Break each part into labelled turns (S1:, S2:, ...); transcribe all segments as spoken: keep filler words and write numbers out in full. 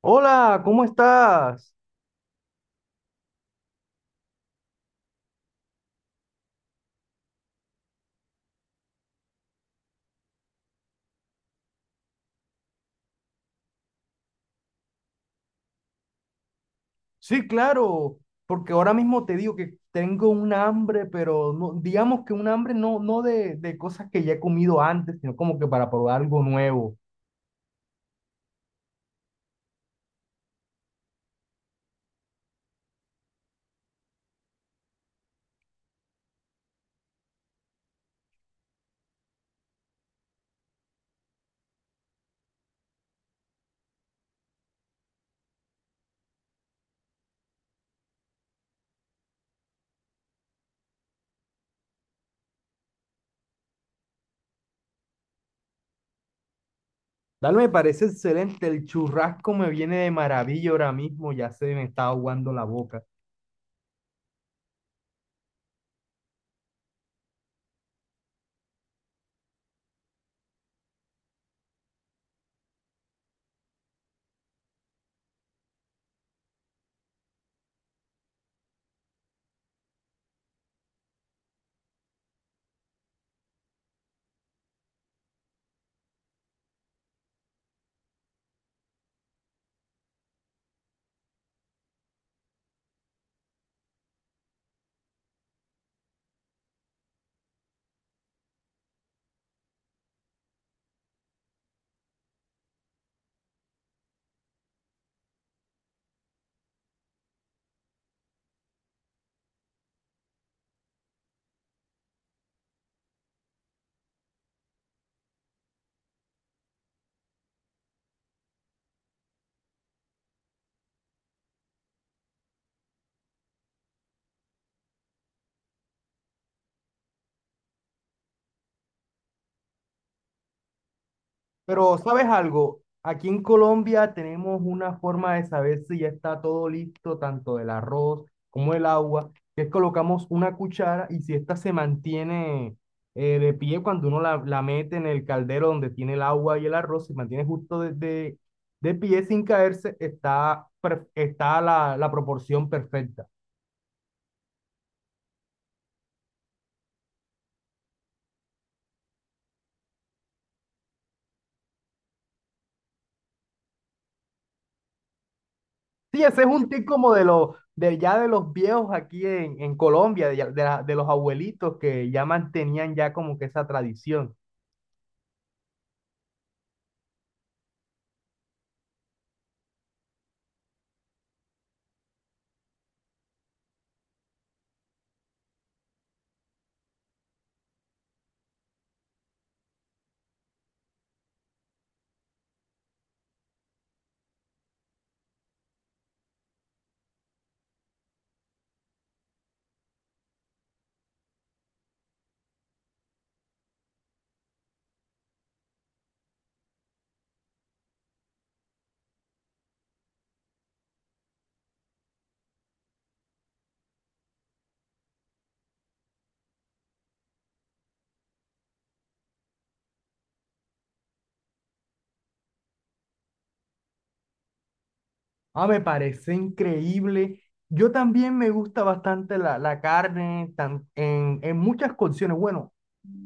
S1: Hola, ¿cómo estás? Sí, claro, porque ahora mismo te digo que tengo un hambre, pero no, digamos que un hambre no, no de, de cosas que ya he comido antes, sino como que para probar algo nuevo. Dale, me parece excelente, el churrasco me viene de maravilla ahora mismo, ya se me está aguando la boca. Pero, ¿sabes algo? Aquí en Colombia tenemos una forma de saber si ya está todo listo, tanto del arroz como el agua, que es colocamos una cuchara y si esta se mantiene eh, de pie cuando uno la, la mete en el caldero donde tiene el agua y el arroz, se mantiene justo de, de, de pie sin caerse, está, per- está la, la proporción perfecta. Sí, ese es un tic como de los, de ya de los viejos aquí en, en Colombia, de, ya- de la- de los abuelitos que ya mantenían ya como que esa tradición. Ah, me parece increíble. Yo también me gusta bastante la, la carne tan- en, en muchas cocciones. Bueno,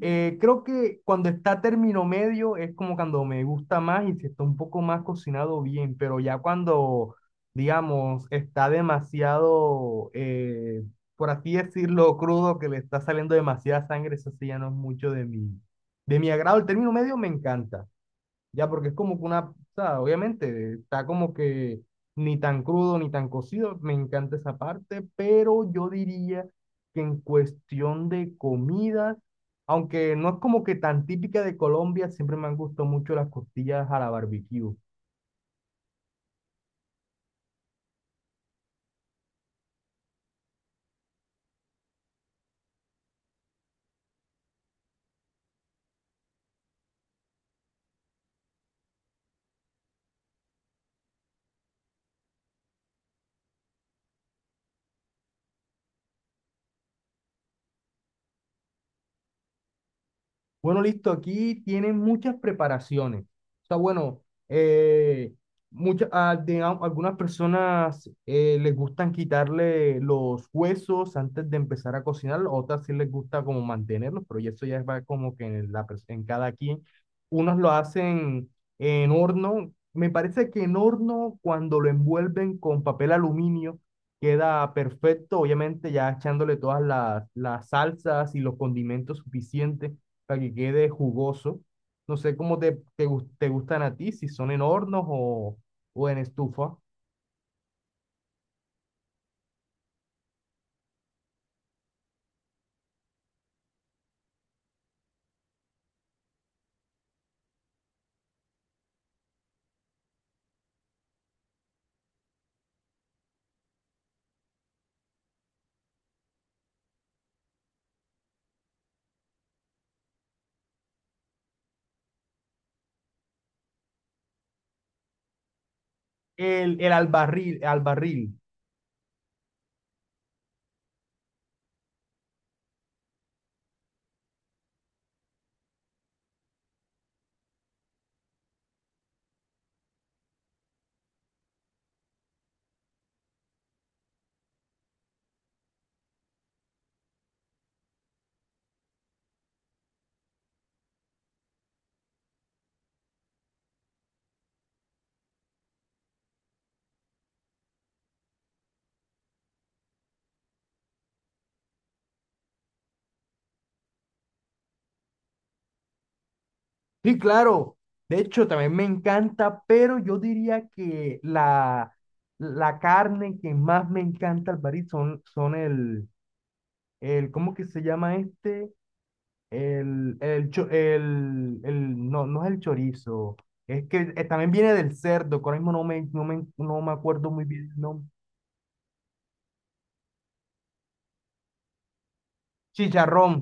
S1: Eh, creo que cuando está término medio es como cuando me gusta más y si está un poco más cocinado bien, pero ya cuando, digamos, está demasiado, eh, por así decirlo, crudo, que le está saliendo demasiada sangre, eso sí ya no es mucho de mi, de mi agrado. El término medio me encanta. Ya, porque es como que una, o sea, obviamente, está como que ni tan crudo ni tan cocido, me encanta esa parte, pero yo diría que en cuestión de comidas, aunque no es como que tan típica de Colombia, siempre me han gustado mucho las costillas a la barbecue. Bueno, listo, aquí tienen muchas preparaciones. O sea, bueno, eh, mucha- a- digamos, algunas personas eh, les gustan quitarle los huesos antes de empezar a cocinar, otras sí les gusta como mantenerlos, pero ya eso ya va como que en, la, pers- en cada quien. Unos lo hacen en horno. Me parece que en horno, cuando lo envuelven con papel aluminio, queda perfecto, obviamente ya echándole todas las, las salsas y los condimentos suficientes para que quede jugoso. No sé cómo te, te, gus- te gustan a ti, si son en hornos o, o en estufa. El, el al barril, al barril. Sí, claro. De hecho, también me encanta, pero yo diría que la, la carne que más me encanta al barril son, son el, el, ¿cómo que se llama este? El, el, cho- el, el- no, no es el chorizo. Es que eh, también viene del cerdo, que ahora mismo no me, no me, no me acuerdo muy bien el nombre. Chicharrón,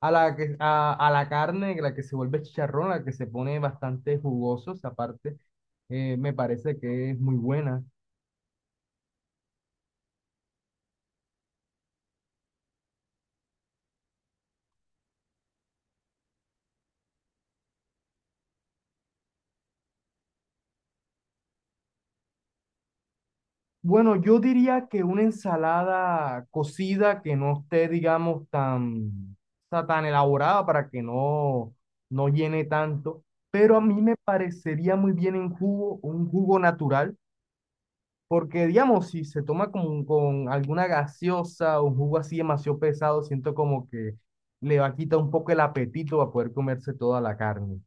S1: a la, que, a, a la carne, la que se vuelve chicharrón, la que se pone bastante jugosos, aparte, eh, me parece que es muy buena. Bueno, yo diría que una ensalada cocida que no esté, digamos, tan, ta- tan elaborada para que no, no llene tanto, pero a mí me parecería muy bien en jugo, un jugo natural. Porque, digamos, si se toma con, con alguna gaseosa o un jugo así demasiado pesado, siento como que le va a quitar un poco el apetito a poder comerse toda la carne.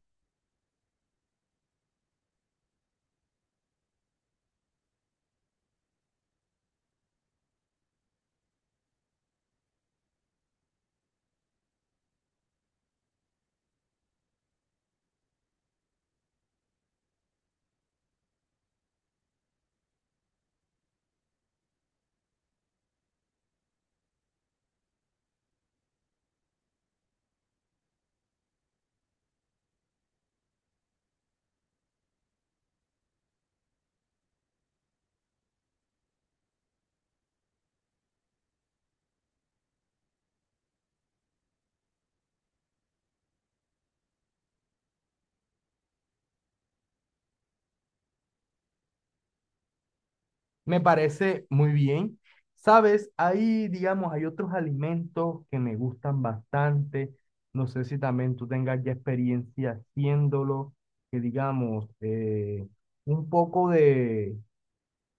S1: Me parece muy bien. Sabes, ahí, digamos, hay otros alimentos que me gustan bastante. No sé si también tú tengas ya experiencia haciéndolo, que digamos, eh, un poco de,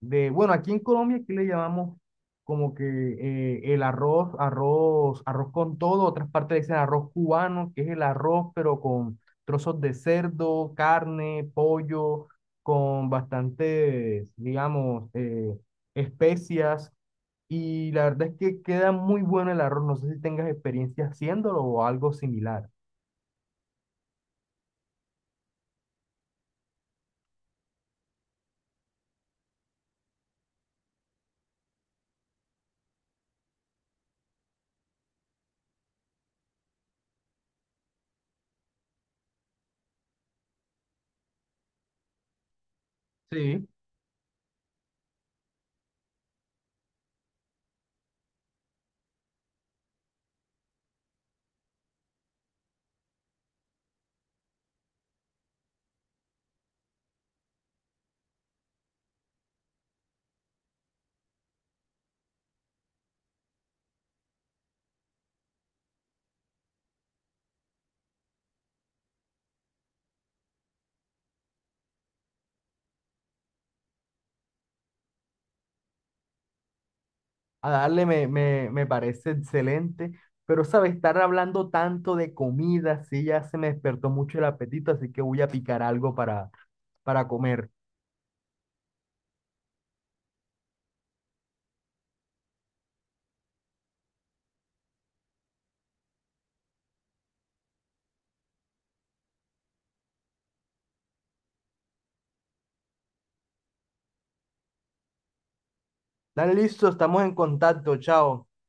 S1: de, bueno, aquí en Colombia aquí le llamamos como que eh, el arroz, arroz, arroz con todo, otras partes le dicen arroz cubano, que es el arroz pero con trozos de cerdo, carne, pollo, con bastantes, digamos, eh, especias. Y la verdad es que queda muy bueno el arroz. No sé si tengas experiencia haciéndolo o algo similar. Sí, a darle me, me, me parece excelente, pero sabes, estar hablando tanto de comida, sí, ya se me despertó mucho el apetito, así que voy a picar algo para, para comer. Dale, listo, estamos en contacto, chao.